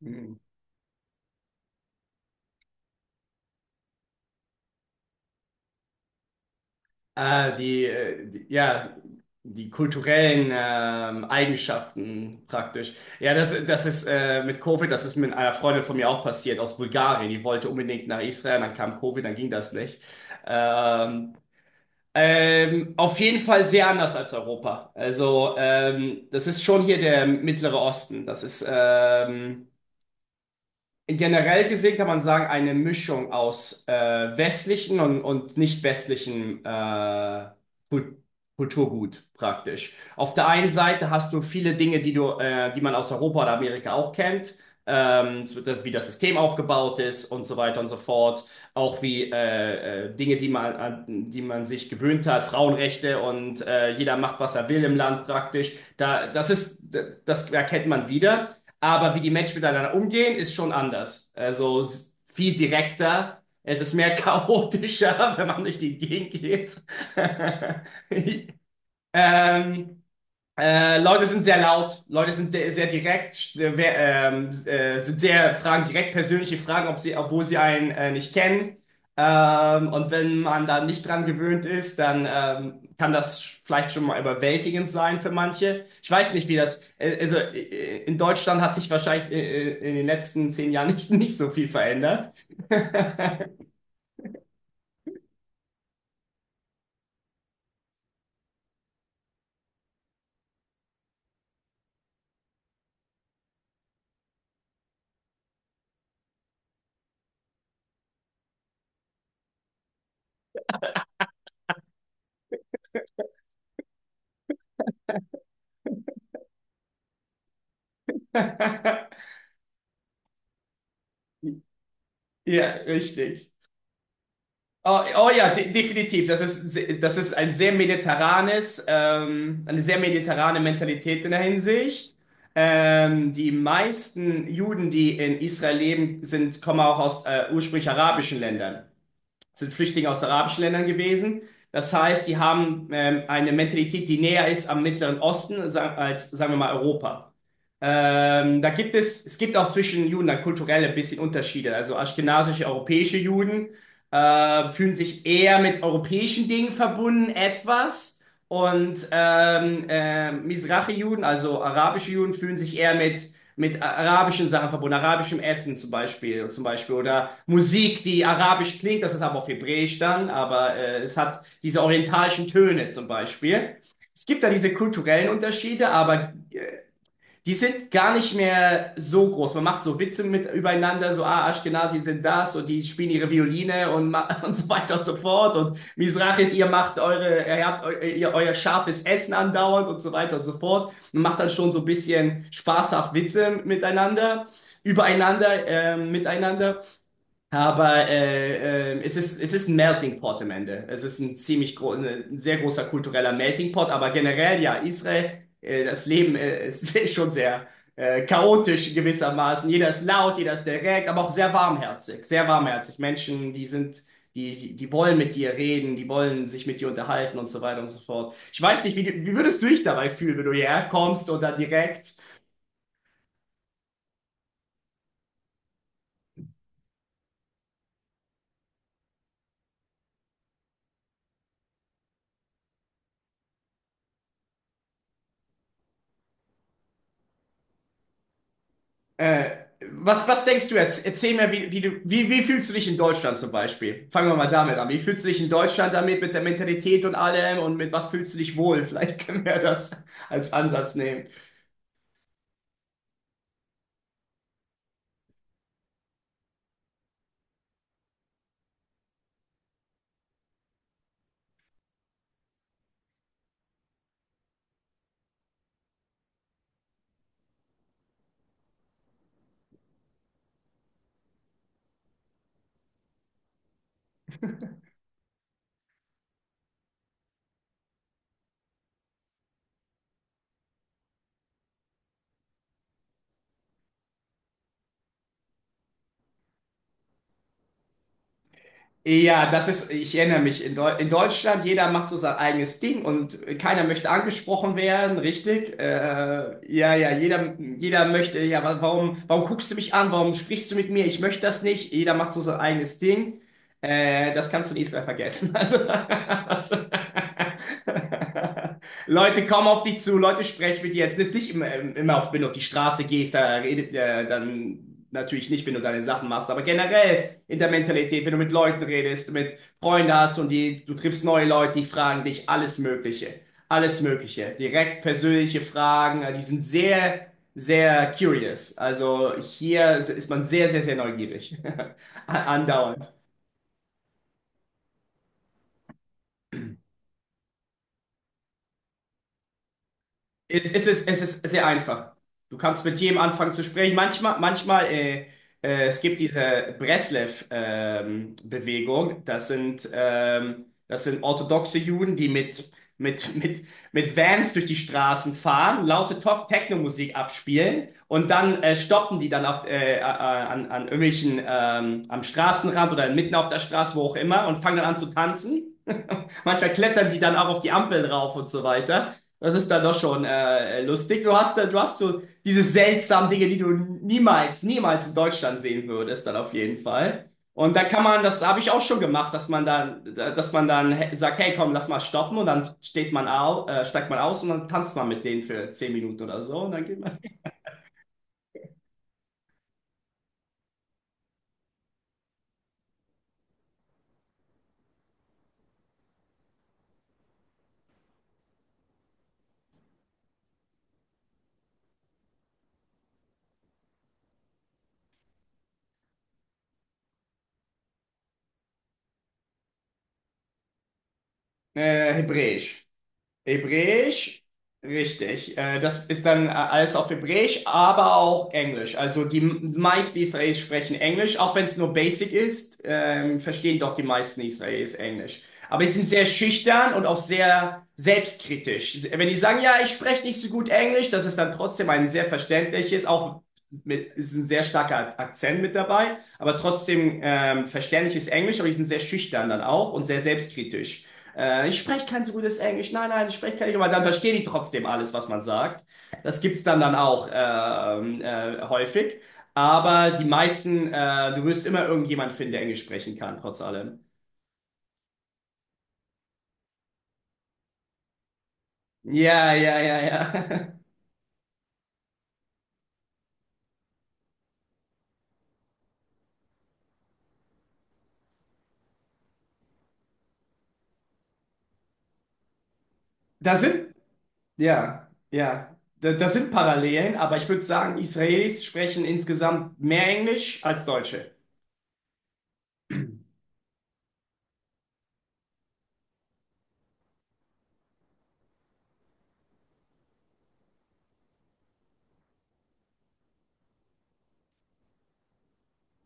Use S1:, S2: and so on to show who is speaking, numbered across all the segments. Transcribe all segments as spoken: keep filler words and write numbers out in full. S1: Mhm. Ah, die, äh, die, ja, die kulturellen ähm, Eigenschaften praktisch. Ja, das, das ist äh, mit Covid, das ist mit einer Freundin von mir auch passiert aus Bulgarien. Die wollte unbedingt nach Israel, dann kam Covid, dann ging das nicht. Ähm, ähm, auf jeden Fall sehr anders als Europa. Also, ähm, das ist schon hier der Mittlere Osten. Das ist, ähm, Generell gesehen kann man sagen, eine Mischung aus äh, westlichen und, und nicht westlichen äh, Kul- Kulturgut praktisch. Auf der einen Seite hast du viele Dinge, die du, äh, die man aus Europa oder Amerika auch kennt, ähm, so das, wie das System aufgebaut ist und so weiter und so fort. Auch wie äh, äh, Dinge, die man, an die man sich gewöhnt hat, Frauenrechte und äh, jeder macht, was er will im Land praktisch. Da, das ist, das erkennt man wieder. Aber wie die Menschen miteinander umgehen, ist schon anders. Also s- viel direkter. Es ist mehr chaotischer, wenn man durch die Gegend geht. Ähm, äh, Leute sind sehr laut, Leute sind de- sehr direkt, st- wer- ähm, äh, sind sehr Fragen, direkt persönliche Fragen, ob sie, obwohl sie einen äh, nicht kennen. Ähm, und wenn man da nicht dran gewöhnt ist, dann ähm, kann das vielleicht schon mal überwältigend sein für manche. Ich weiß nicht, wie das, äh, also äh, in Deutschland hat sich wahrscheinlich äh, äh, in den letzten zehn Jahren nicht, nicht so viel verändert. Ja, richtig. Oh, oh ja, de definitiv. Das ist, se- das ist ein sehr mediterranes, ähm, eine sehr mediterrane Mentalität in der Hinsicht. Ähm, die meisten Juden, die in Israel leben, sind, kommen auch aus äh, ursprünglich arabischen Ländern. Sind Flüchtlinge aus arabischen Ländern gewesen. Das heißt, die haben ähm, eine Mentalität, die näher ist am Mittleren Osten als, sagen wir mal, Europa. Ähm, da gibt es, es gibt auch zwischen Juden dann kulturelle bisschen Unterschiede. Also aschkenasische, europäische Juden äh, fühlen sich eher mit europäischen Dingen verbunden, etwas. Und ähm, äh, Mizrachi-Juden, also arabische Juden, fühlen sich eher mit, mit arabischen Sachen verbunden, arabischem Essen zum Beispiel, zum Beispiel oder Musik, die arabisch klingt, das ist aber auf Hebräisch dann, aber äh, es hat diese orientalischen Töne zum Beispiel. Es gibt da diese kulturellen Unterschiede, aber äh, die sind gar nicht mehr so groß. Man macht so Witze mit übereinander, so, ah, Ashkenazi sind das und die spielen ihre Violine und, ma- und so weiter und so fort. Und Mizrachis, ihr macht eure, ihr habt eu, ihr, euer scharfes Essen andauernd und so weiter und so fort. Man macht dann schon so ein bisschen spaßhaft Witze miteinander, übereinander, ähm, miteinander. Aber äh, äh, es ist, es ist ein Melting Pot am Ende. Es ist ein ziemlich gro ein sehr großer kultureller Melting Pot, aber generell ja, Israel, äh, das Leben äh, ist schon sehr äh, chaotisch gewissermaßen. Jeder ist laut, jeder ist direkt, aber auch sehr warmherzig, sehr warmherzig. Menschen, die sind, die, die, die wollen mit dir reden, die wollen sich mit dir unterhalten und so weiter und so fort. Ich weiß nicht, wie, wie würdest du dich dabei fühlen, wenn du hierher kommst oder direkt Äh, was, was denkst du jetzt? Erzähl mir, wie, wie, du, wie, wie fühlst du dich in Deutschland zum Beispiel? Fangen wir mal damit an. Wie fühlst du dich in Deutschland damit, mit der Mentalität und allem und mit was fühlst du dich wohl? Vielleicht können wir das als Ansatz nehmen. Ja, das ist, ich erinnere mich, in, Deu in Deutschland, jeder macht so sein eigenes Ding und keiner möchte angesprochen werden, richtig? Äh, ja, ja, jeder, jeder möchte, ja, wa- warum, warum guckst du mich an? Warum sprichst du mit mir? Ich möchte das nicht. Jeder macht so sein eigenes Ding. Äh, das kannst du in Israel vergessen. Also, das, Leute kommen auf dich zu, Leute sprechen mit dir. Jetzt jetzt nicht immer, immer auf, wenn du auf die Straße gehst, da redet, äh, dann natürlich nicht, wenn du deine Sachen machst, aber generell in der Mentalität, wenn du mit Leuten redest, mit Freunden hast und die, du triffst neue Leute, die fragen dich alles Mögliche. Alles Mögliche. Direkt persönliche Fragen. äh, Die sind sehr, sehr curious. Also hier ist man sehr, sehr, sehr neugierig. Andauernd. Es, es ist, es ist sehr einfach. Du kannst mit jedem anfangen zu sprechen. Manchmal, manchmal, äh, äh, es gibt diese Breslev-Bewegung. Das sind, ähm, das sind orthodoxe Juden, die mit, mit, mit, mit Vans durch die Straßen fahren, laute Top- Techno-Musik abspielen und dann äh, stoppen die dann auf, äh, äh, an, an irgendwelchen, ähm, am Straßenrand oder mitten auf der Straße, wo auch immer, und fangen dann an zu tanzen. Manchmal klettern die dann auch auf die Ampel drauf und so weiter. Das ist dann doch schon äh, lustig. Du hast, äh, du hast so diese seltsamen Dinge, die du niemals, niemals in Deutschland sehen würdest, dann auf jeden Fall. Und da kann man, das habe ich auch schon gemacht, dass man dann, dass man dann he- sagt, hey, komm, lass mal stoppen und dann steht man au, äh, steigt man aus und dann tanzt man mit denen für zehn Minuten oder so und dann geht man. Äh, Hebräisch. Hebräisch, richtig. Äh, das ist dann äh, alles auf Hebräisch, aber auch Englisch. Also die m- meisten Israelis sprechen Englisch, auch wenn es nur Basic ist, ähm, verstehen doch die meisten Israelis Englisch. Aber sie sind sehr schüchtern und auch sehr selbstkritisch. Wenn die sagen, ja, ich spreche nicht so gut Englisch, das ist dann trotzdem ein sehr verständliches, auch mit, ist ein sehr starker Akzent mit dabei, aber trotzdem ähm, verständliches Englisch, aber die sind sehr schüchtern dann auch und sehr selbstkritisch. Äh, ich spreche kein so gutes Englisch. Nein, nein, ich spreche kein Englisch. Aber dann verstehen die trotzdem alles, was man sagt. Das gibt's dann dann auch ähm, äh, häufig. Aber die meisten, äh, du wirst immer irgendjemand finden, der Englisch sprechen kann, trotz allem. Ja, ja, ja, ja. Da sind, ja, ja. Da, das sind Parallelen, aber ich würde sagen, Israelis sprechen insgesamt mehr Englisch als Deutsche.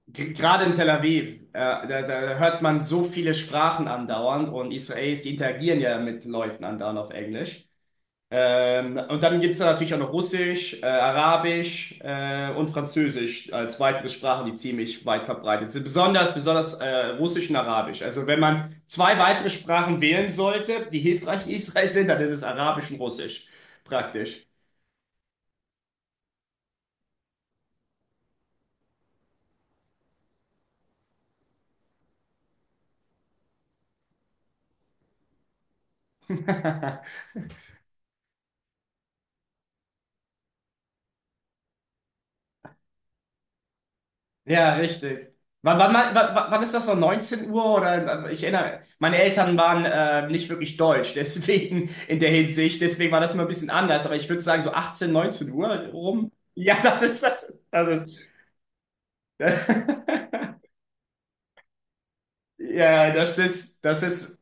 S1: G- Gerade in Tel Aviv, äh, da, da hört man so viele Sprachen andauernd und Israelis, die interagieren ja mit Leuten andauernd auf Englisch. Ähm, und dann gibt es da natürlich auch noch Russisch, äh, Arabisch äh, und Französisch als weitere Sprachen, die ziemlich weit verbreitet sind. Besonders, besonders äh, Russisch und Arabisch. Also wenn man zwei weitere Sprachen wählen sollte, die hilfreich in Israel sind, dann ist es Arabisch und Russisch praktisch. Ja, richtig. Wann, wann, wann, wann wann ist das so? Neunzehn Uhr oder ich erinnere, meine Eltern waren äh, nicht wirklich deutsch, deswegen in der Hinsicht, deswegen war das immer ein bisschen anders, aber ich würde sagen so achtzehn, neunzehn Uhr rum. Ja, das ist das. das ist, ja, das ist, das ist,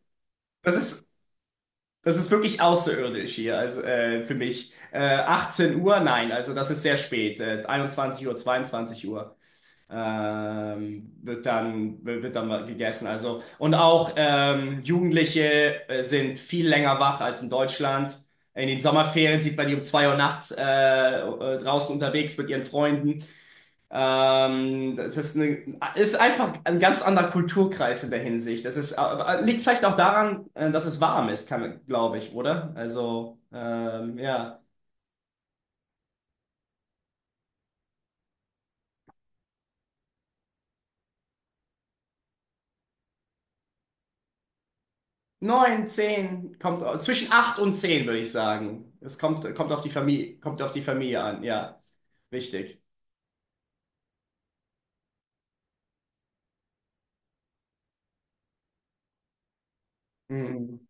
S1: das ist, das ist wirklich außerirdisch hier, also äh, für mich. Äh, achtzehn Uhr, nein, also das ist sehr spät, äh, einundzwanzig Uhr, zweiundzwanzig Uhr. ähm, wird dann, wird dann mal gegessen. Also, und auch ähm, Jugendliche äh, sind viel länger wach als in Deutschland. In den Sommerferien sieht man die um zwei Uhr nachts äh, äh, draußen unterwegs mit ihren Freunden. Ähm, das ist, eine, Ist einfach ein ganz anderer Kulturkreis in der Hinsicht. Das ist, äh, liegt vielleicht auch daran, äh, dass es warm ist, kann, glaube ich, oder? Also, ähm, ja. Neun, zehn, kommt zwischen acht und zehn, würde ich sagen. Es kommt, kommt auf die Familie, kommt auf die Familie an, ja. Richtig. Mhm.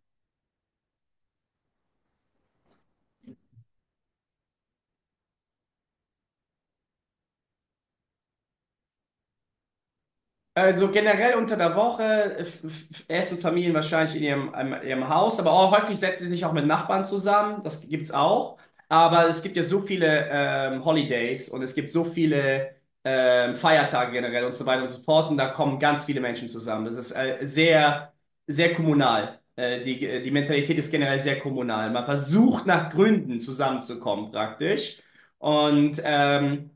S1: Also generell unter der Woche f- f- essen Familien wahrscheinlich in ihrem, in ihrem Haus, aber auch häufig setzen sie sich auch mit Nachbarn zusammen. Das gibt's auch. Aber es gibt ja so viele ähm, Holidays und es gibt so viele ähm, Feiertage generell und so weiter und so fort. Und da kommen ganz viele Menschen zusammen. Das ist äh, sehr, sehr kommunal. Äh, die, die Mentalität ist generell sehr kommunal. Man versucht nach Gründen zusammenzukommen praktisch. Und ähm,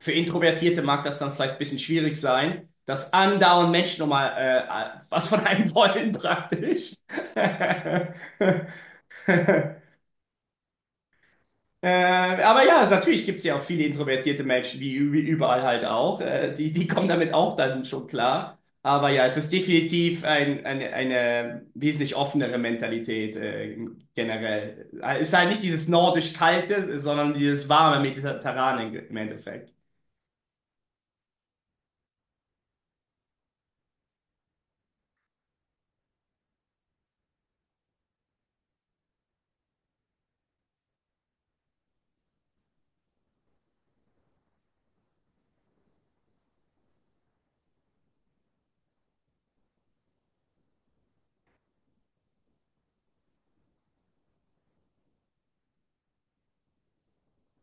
S1: für Introvertierte mag das dann vielleicht ein bisschen schwierig sein, dass andauernd Menschen nochmal äh, was von einem wollen praktisch. Äh, aber ja, natürlich gibt es ja auch viele introvertierte Menschen, wie, ü- wie überall halt auch. Äh, die, die kommen damit auch dann schon klar. Aber ja, es ist definitiv ein, eine, eine wesentlich offenere Mentalität äh, generell. Äh, Es ist halt nicht dieses nordisch-kalte, sondern dieses warme Mediterrane im Endeffekt.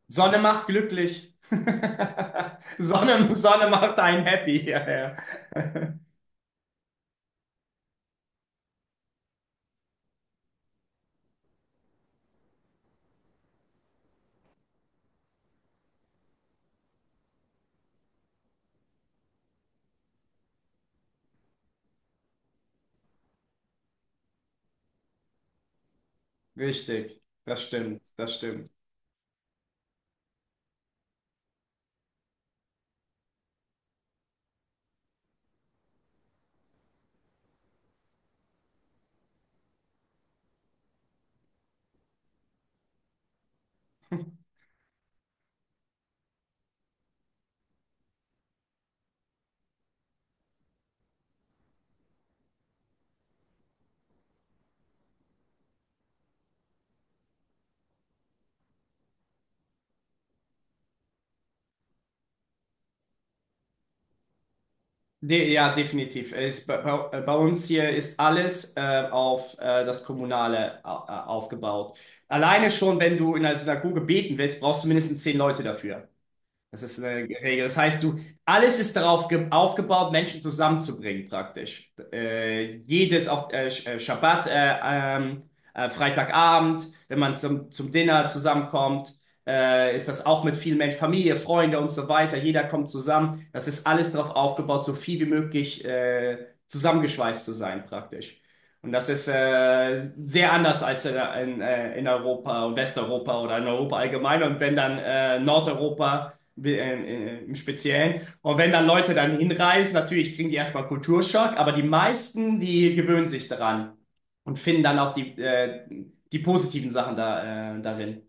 S1: Sonne macht glücklich. Sonne, Sonne macht einen happy. Ja, ja. Richtig, das stimmt, das stimmt. De Ja, definitiv. Es Ist, bei, bei äh, bei uns hier ist alles äh, auf äh, das Kommunale au- äh, aufgebaut. Alleine schon, wenn du in einer Synagoge beten willst, brauchst du mindestens zehn Leute dafür. Das ist eine Regel. Das heißt, du, alles ist darauf ge- aufgebaut, Menschen zusammenzubringen, praktisch. Äh, jedes, auch äh, Sch- äh, Schabbat, äh, ähm, äh, Freitagabend, wenn man zum, zum Dinner zusammenkommt, äh, ist das auch mit vielen Menschen, Familie, Freunde und so weiter. Jeder kommt zusammen. Das ist alles darauf aufgebaut, so viel wie möglich äh, zusammengeschweißt zu sein, praktisch. Und das ist äh, sehr anders als in, äh, in, äh, in Europa und Westeuropa oder in Europa allgemein. Und wenn dann äh, Nordeuropa wie, äh, äh, im Speziellen. Und wenn dann Leute dann hinreisen, natürlich kriegen die erstmal Kulturschock, aber die meisten, die gewöhnen sich daran und finden dann auch die, äh, die positiven Sachen da, äh, darin.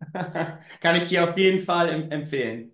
S1: Kann ich dir auf jeden Fall em- empfehlen.